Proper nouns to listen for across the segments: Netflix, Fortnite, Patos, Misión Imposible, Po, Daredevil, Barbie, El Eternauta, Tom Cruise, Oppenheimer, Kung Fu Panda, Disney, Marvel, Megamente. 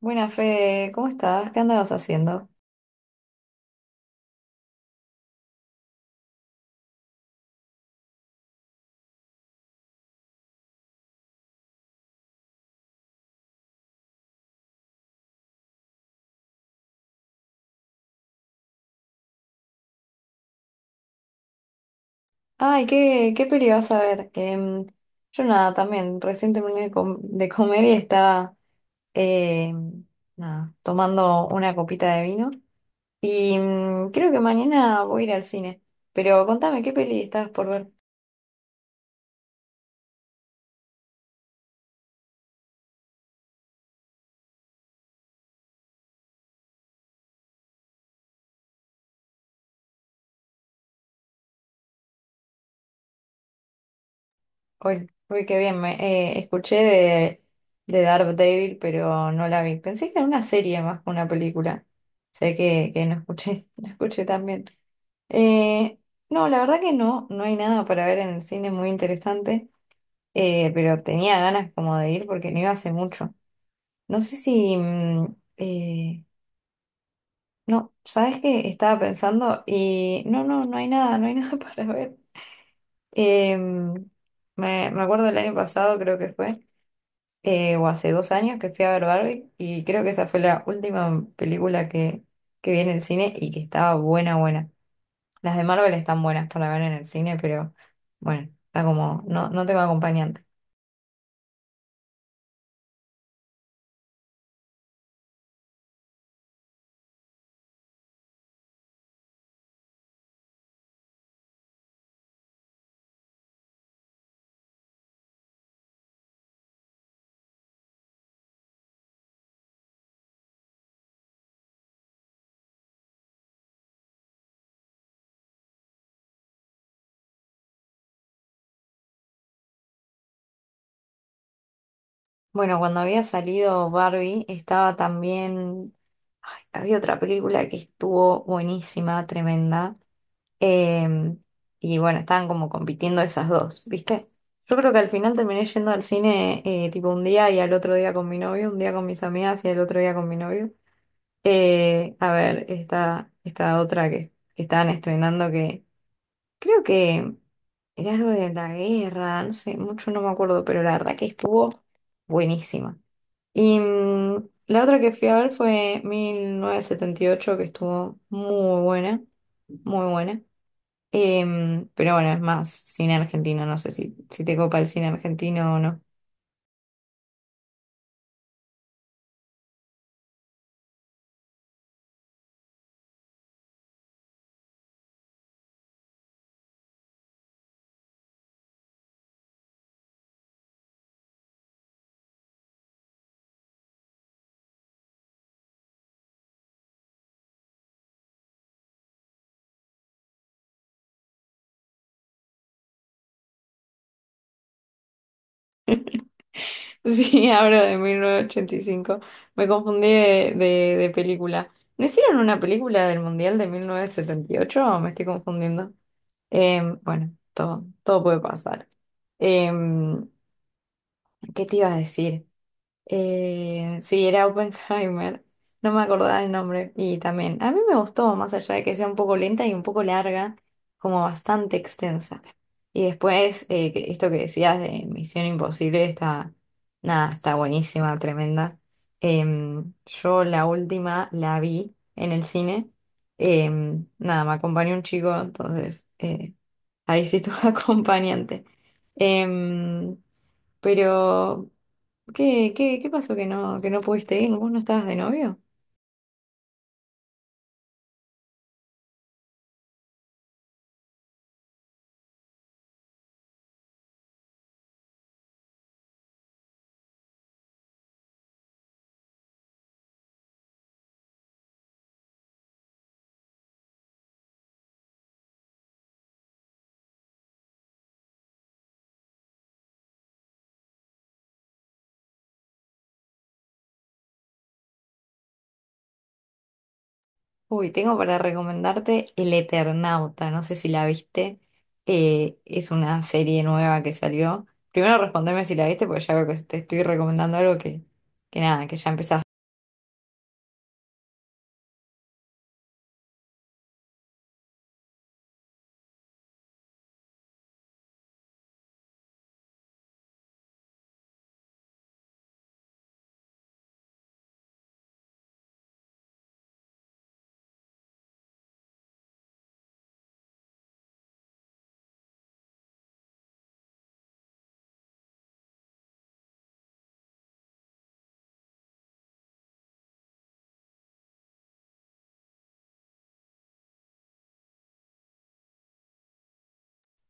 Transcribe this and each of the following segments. Buenas, Fede, ¿cómo estás? ¿Qué andabas haciendo? Ay, ¿qué peli vas a ver? Yo nada, también, recién terminé de de comer y estaba em, nada, tomando una copita de vino. Y creo que mañana voy a ir al cine. Pero contame, ¿qué peli estabas por ver hoy? Uy, qué bien, escuché de Daredevil, pero no la vi. Pensé que era una serie más que una película. Sé que no escuché, no escuché tan bien. Eh, no, la verdad que no, no hay nada para ver en el cine muy interesante, pero tenía ganas como de ir porque no iba hace mucho. No sé sieh, no, ¿sabes qué? Estaba pensando y no, no hay nada, no hay nada para ver. Em, me acuerdo del año pasado, creo que fue, o hace 2 años que fui a ver Barbie y creo que esa fue la última película que vi en el cine y que estaba buena, buena. Las de Marvel están buenas para ver en el cine, pero bueno, está como, no, no tengo acompañante. Bueno, cuando había salido Barbie, estaba también, ay, había otra película que estuvo buenísima, tremenda. em, y bueno, estaban como compitiendo esas dos, ¿viste? Yo creo que al final terminé yendo al cine tipo un día y al otro día con mi novio, un día con mis amigas y al otro día con mi novio. A ver, esta otra que estaban estrenando que creo que. Era algo de la guerra, no sé, mucho no me acuerdo, pero la verdad que estuvo buenísima. Y la otra que fui a ver fue 1978 que estuvo muy buena, muy buena. Pero bueno, es más cine argentino, no sé si te copa el cine argentino o no. Sí, hablo de 1985. Me confundí de película. ¿No hicieron una película del Mundial de 1978 o me estoy confundiendo? Bueno, todo puede pasar. Em, ¿Qué te iba a decir? Sí, era Oppenheimer. No me acordaba el nombre. Y también, a mí me gustó, más allá de que sea un poco lenta y un poco larga, como bastante extensa. Y después, esto que decías de Misión Imposible está, nada, está buenísima, tremenda. Yo la última la vi en el cine. Nada, me acompañó un chico, entonces ahí sí tuve acompañante. Em, pero, ¿qué pasó que no pudiste ir? ¿Vos no estabas de novio? Uy, tengo para recomendarte El Eternauta, no sé si la viste. Es una serie nueva que salió. Primero respondeme si la viste, porque ya veo que te estoy recomendando algo que nada, que ya empezaste.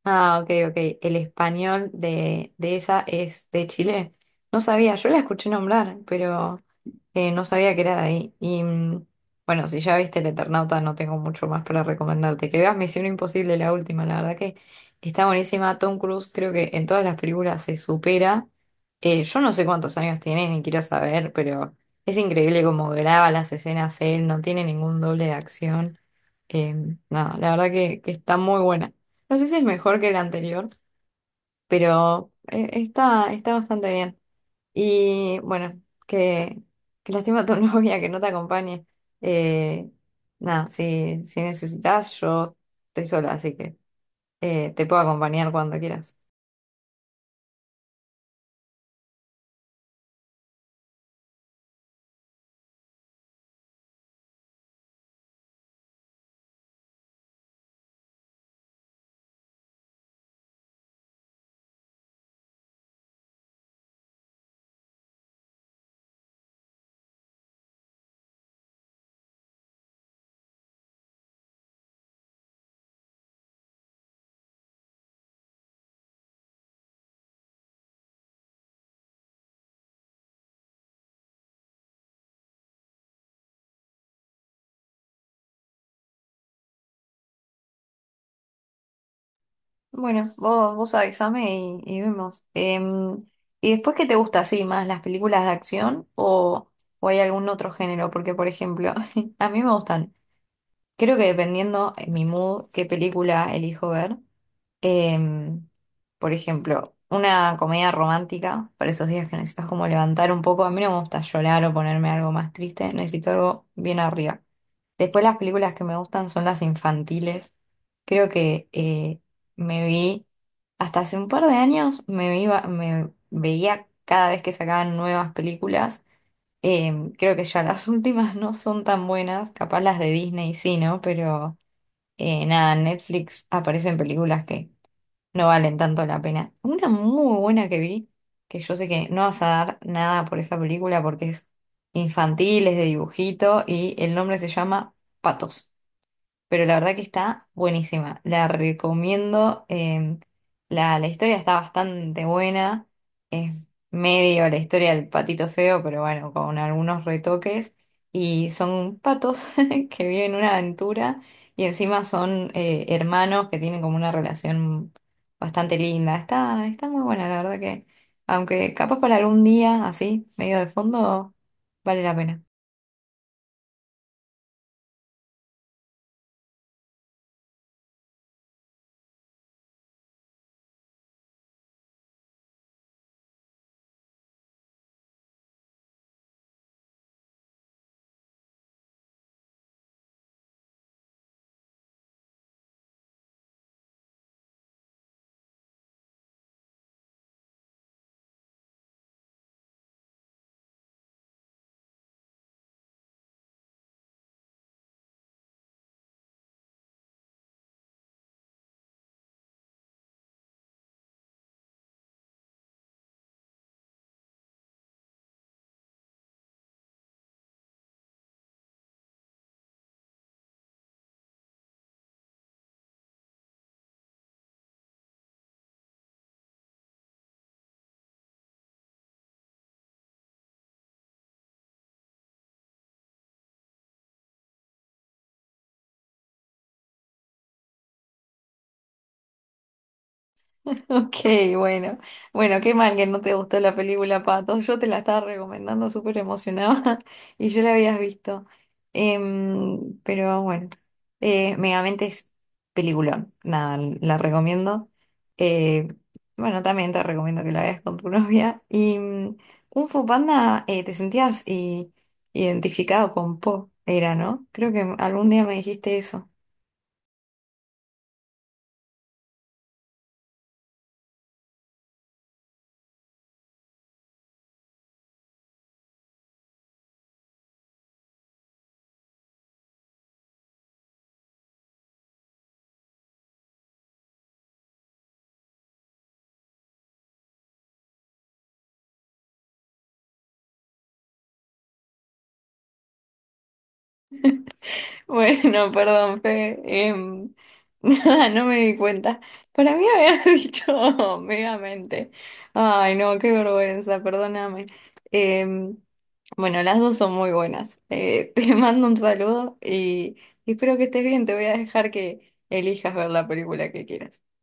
Ah, ok, ok. El español de esa es de Chile. No sabía, yo la escuché nombrar, pero. No sabía que era de ahí. Y bueno, si ya viste El Eternauta, no tengo mucho más para recomendarte. Que veas Misión Imposible, la última, la verdad que está buenísima. Tom Cruise creo que en todas las películas se supera. Yo no sé cuántos años tiene, ni quiero saber, pero es increíble cómo graba las escenas él, no tiene ningún doble de acción. Eh, no, la verdad que está muy buena. No sé si es mejor que la anterior, pero está, está bastante bien. Y bueno, que qué lástima tu novia que no te acompañe. Eh, Nada, si, si necesitas, yo estoy sola, así que te puedo acompañar cuando quieras. Bueno, vos avísame y vemos. ¿Y después qué te gusta así más, las películas de acción o hay algún otro género? Porque, por ejemplo, a mí me gustan, creo que dependiendo en mi mood, qué película elijo ver. Em, por ejemplo, una comedia romántica para esos días que necesitas como levantar un poco. A mí no me gusta llorar o ponerme algo más triste, necesito algo bien arriba. Después las películas que me gustan son las infantiles. Creo que me vi, hasta hace un par de años, me veía cada vez que sacaban nuevas películas. Creo que ya las últimas no son tan buenas, capaz las de Disney sí, ¿no? Pero nada, en Netflix aparecen películas que no valen tanto la pena. Una muy buena que vi, que yo sé que no vas a dar nada por esa película porque es infantil, es de dibujito y el nombre se llama Patos, pero la verdad que está buenísima. La recomiendo. em, la historia está bastante buena. Es medio la historia del patito feo, pero bueno, con algunos retoques. Y son patos que viven una aventura y encima son hermanos que tienen como una relación bastante linda. Está, está muy buena, la verdad que, aunque capaz para algún día así, medio de fondo, vale la pena. Ok, bueno. Bueno, qué mal que no te gustó la película Patos. Yo te la estaba recomendando súper emocionada y yo la habías visto. Pero bueno, Megamente es peliculón. Nada, la recomiendo. Eh, bueno, también te recomiendo que la veas con tu novia. Y Kung Fu Panda, identificado con Po, era, ¿no? Creo que algún día me dijiste eso. Bueno, perdón, Fe. Nada, no me di cuenta. Para mí había dicho megamente. Ay, no, qué vergüenza, perdóname. Em, bueno, las dos son muy buenas. Te mando un saludo y espero que estés bien. Te voy a dejar que elijas ver la película que quieras.